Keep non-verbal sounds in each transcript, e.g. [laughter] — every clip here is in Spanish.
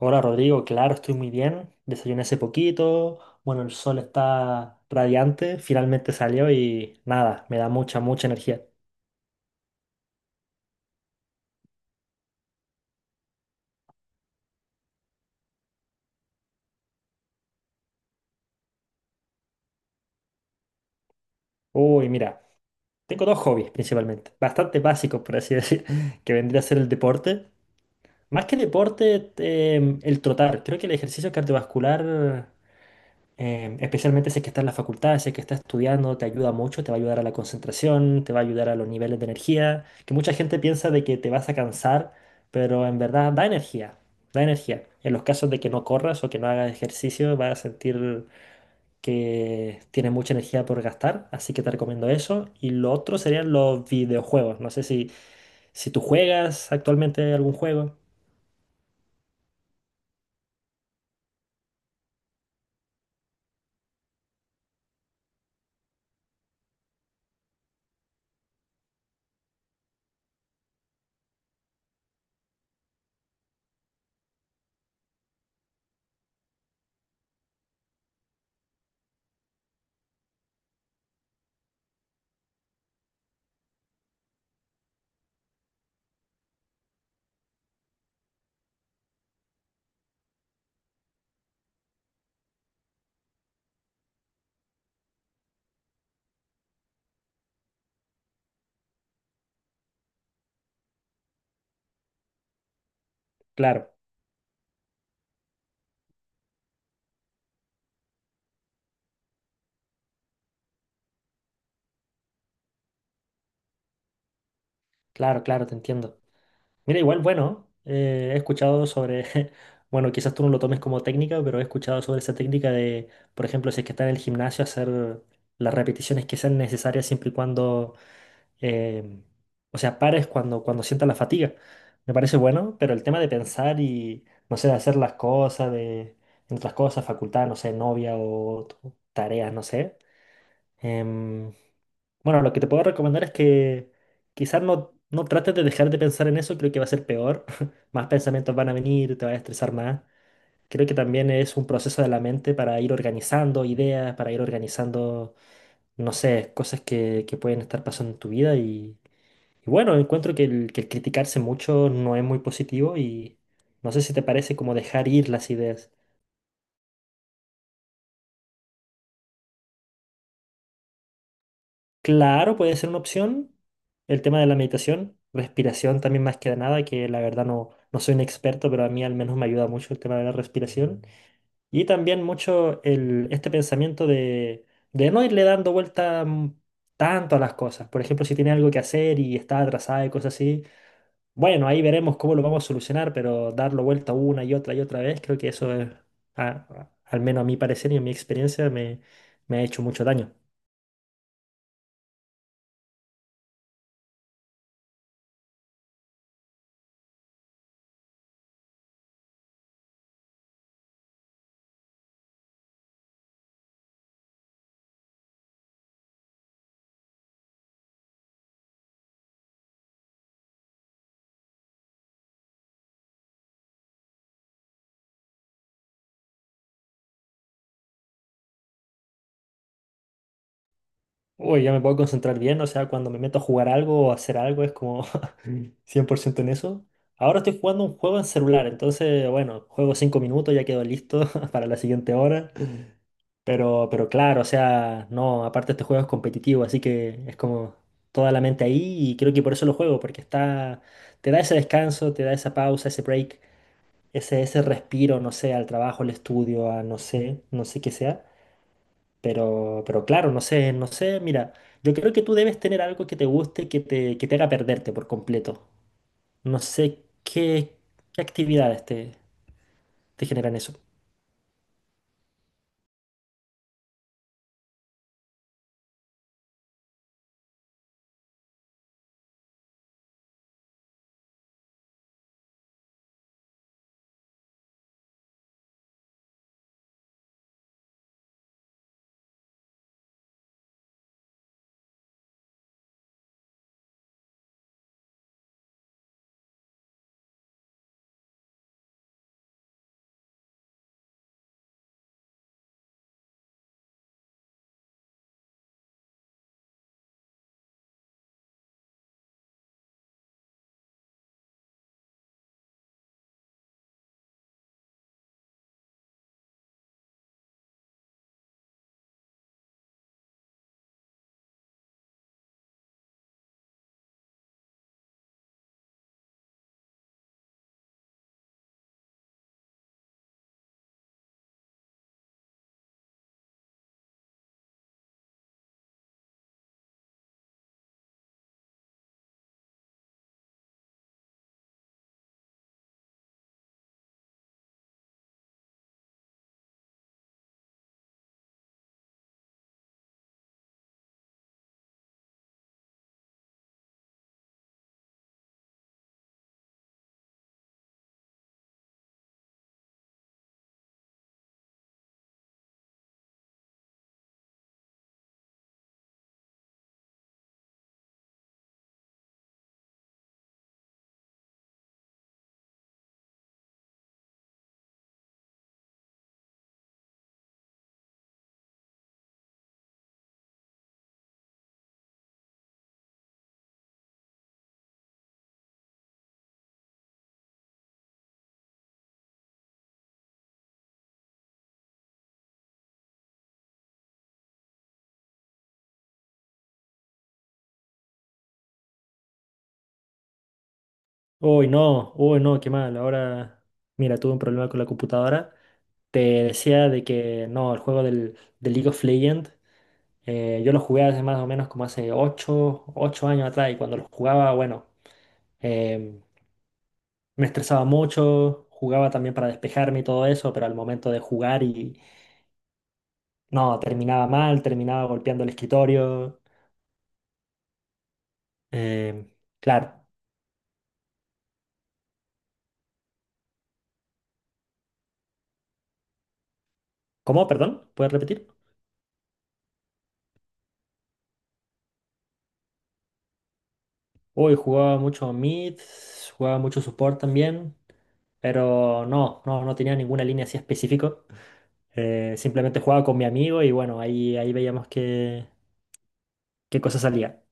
Hola Rodrigo, claro, estoy muy bien. Desayuné hace poquito. Bueno, el sol está radiante, finalmente salió y nada, me da mucha, mucha energía. Uy, mira, tengo dos hobbies principalmente, bastante básicos por así decir, [laughs] que vendría a ser el deporte. Más que deporte, el trotar. Creo que el ejercicio cardiovascular. Especialmente si es que estás en la facultad, si es que estás estudiando, te ayuda mucho, te va a ayudar a la concentración, te va a ayudar a los niveles de energía, que mucha gente piensa de que te vas a cansar, pero en verdad da energía, da energía. En los casos de que no corras o que no hagas ejercicio, vas a sentir que tienes mucha energía por gastar, así que te recomiendo eso. Y lo otro serían los videojuegos. No sé si, si tú juegas actualmente algún juego. Claro, claro, claro, te entiendo. Mira, igual, bueno, he escuchado sobre, [laughs] bueno, quizás tú no lo tomes como técnica, pero he escuchado sobre esa técnica de, por ejemplo, si es que está en el gimnasio, hacer las repeticiones que sean necesarias siempre y cuando, eh, o sea, pares cuando, sientas la fatiga. Me parece bueno, pero el tema de pensar y, no sé, de hacer las cosas, de, entre las cosas, facultad, no sé, novia o tareas, no sé. Em, bueno, lo que te puedo recomendar es que quizás no, no trates de dejar de pensar en eso, creo que va a ser peor. [laughs] Más pensamientos van a venir, te vas a estresar más. Creo que también es un proceso de la mente para ir organizando ideas, para ir organizando, no sé, cosas que pueden estar pasando en tu vida. Y bueno, encuentro que el criticarse mucho no es muy positivo y no sé si te parece como dejar ir las ideas. Claro, puede ser una opción. El tema de la meditación, respiración también más que nada, que la verdad no, no soy un experto, pero a mí al menos me ayuda mucho el tema de la respiración. Y también mucho el, este pensamiento de no irle dando vuelta tanto a las cosas. Por ejemplo, si tiene algo que hacer y está atrasada y cosas así, bueno, ahí veremos cómo lo vamos a solucionar, pero darlo vuelta una y otra vez, creo que eso es, al menos a mi parecer y a mi experiencia, me ha hecho mucho daño. Uy, ya me puedo concentrar bien, o sea, cuando me meto a jugar algo o a hacer algo es como [laughs] 100% en eso. Ahora estoy jugando un juego en celular, entonces, bueno, juego 5 minutos, ya quedo listo [laughs] para la siguiente hora. Pero claro, o sea, no, aparte este juego es competitivo, así que es como toda la mente ahí y creo que por eso lo juego, porque está, te da ese descanso, te da esa pausa, ese break, ese respiro, no sé, al trabajo, al estudio, a no sé, no sé qué sea. Pero claro, no sé, no sé, mira, yo creo que tú debes tener algo que te guste, que te haga perderte por completo. No sé qué, actividades te generan eso. Uy, no, qué mal. Ahora, mira, tuve un problema con la computadora. Te decía de que no, el juego del League of Legends, yo lo jugué hace más o menos como hace ocho años atrás y cuando lo jugaba, bueno. em, Me estresaba mucho, jugaba también para despejarme y todo eso, pero al momento de jugar y no, terminaba mal, terminaba golpeando el escritorio. Em, claro. ¿Cómo? Perdón, ¿puedes repetir? Uy, jugaba mucho mid, jugaba mucho support también, pero no, no, no tenía ninguna línea así específico. Simplemente jugaba con mi amigo y bueno, ahí veíamos qué cosa salía.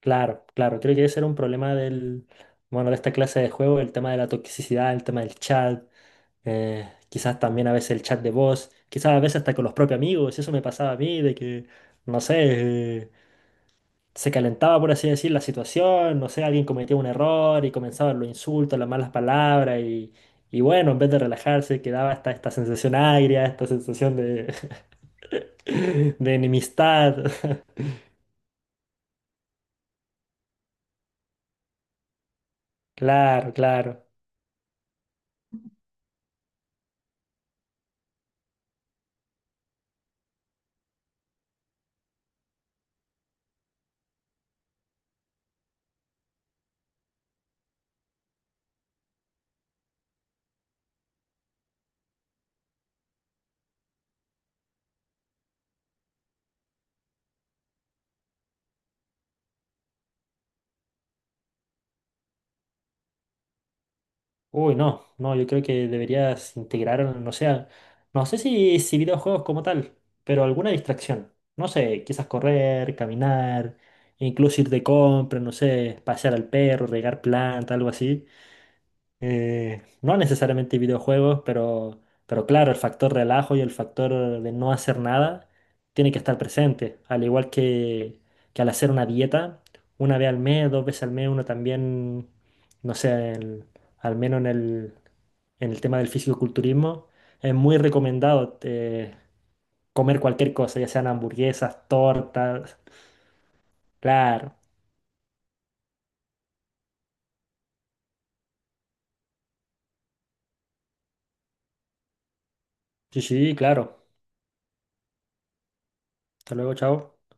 Claro, claro, creo que ese era un problema del, bueno, de esta clase de juego, el tema de la toxicidad, el tema del chat, quizás también a veces el chat de voz, quizás a veces hasta con los propios amigos, eso me pasaba a mí, de que, no sé, se calentaba, por así decir, la situación, no sé, alguien cometía un error y comenzaban los insultos, las malas palabras y bueno, en vez de relajarse, quedaba hasta esta sensación agria, esta sensación de, [laughs] de enemistad. [laughs] Claro, claro. Uy, no, no, yo creo que deberías integrar, no sé, no sé si, si videojuegos como tal, pero alguna distracción. No sé, quizás correr, caminar, incluso ir de compra, no sé, pasear al perro, regar planta, algo así. No necesariamente videojuegos, pero claro, el factor relajo y el factor de no hacer nada tiene que estar presente. Al igual que, al hacer una dieta, una vez al mes, dos veces al mes, uno también, no sé, al menos en el tema del fisicoculturismo, es muy recomendado comer cualquier cosa, ya sean hamburguesas, tortas. Claro, sí, sí, claro. Hasta luego, chao.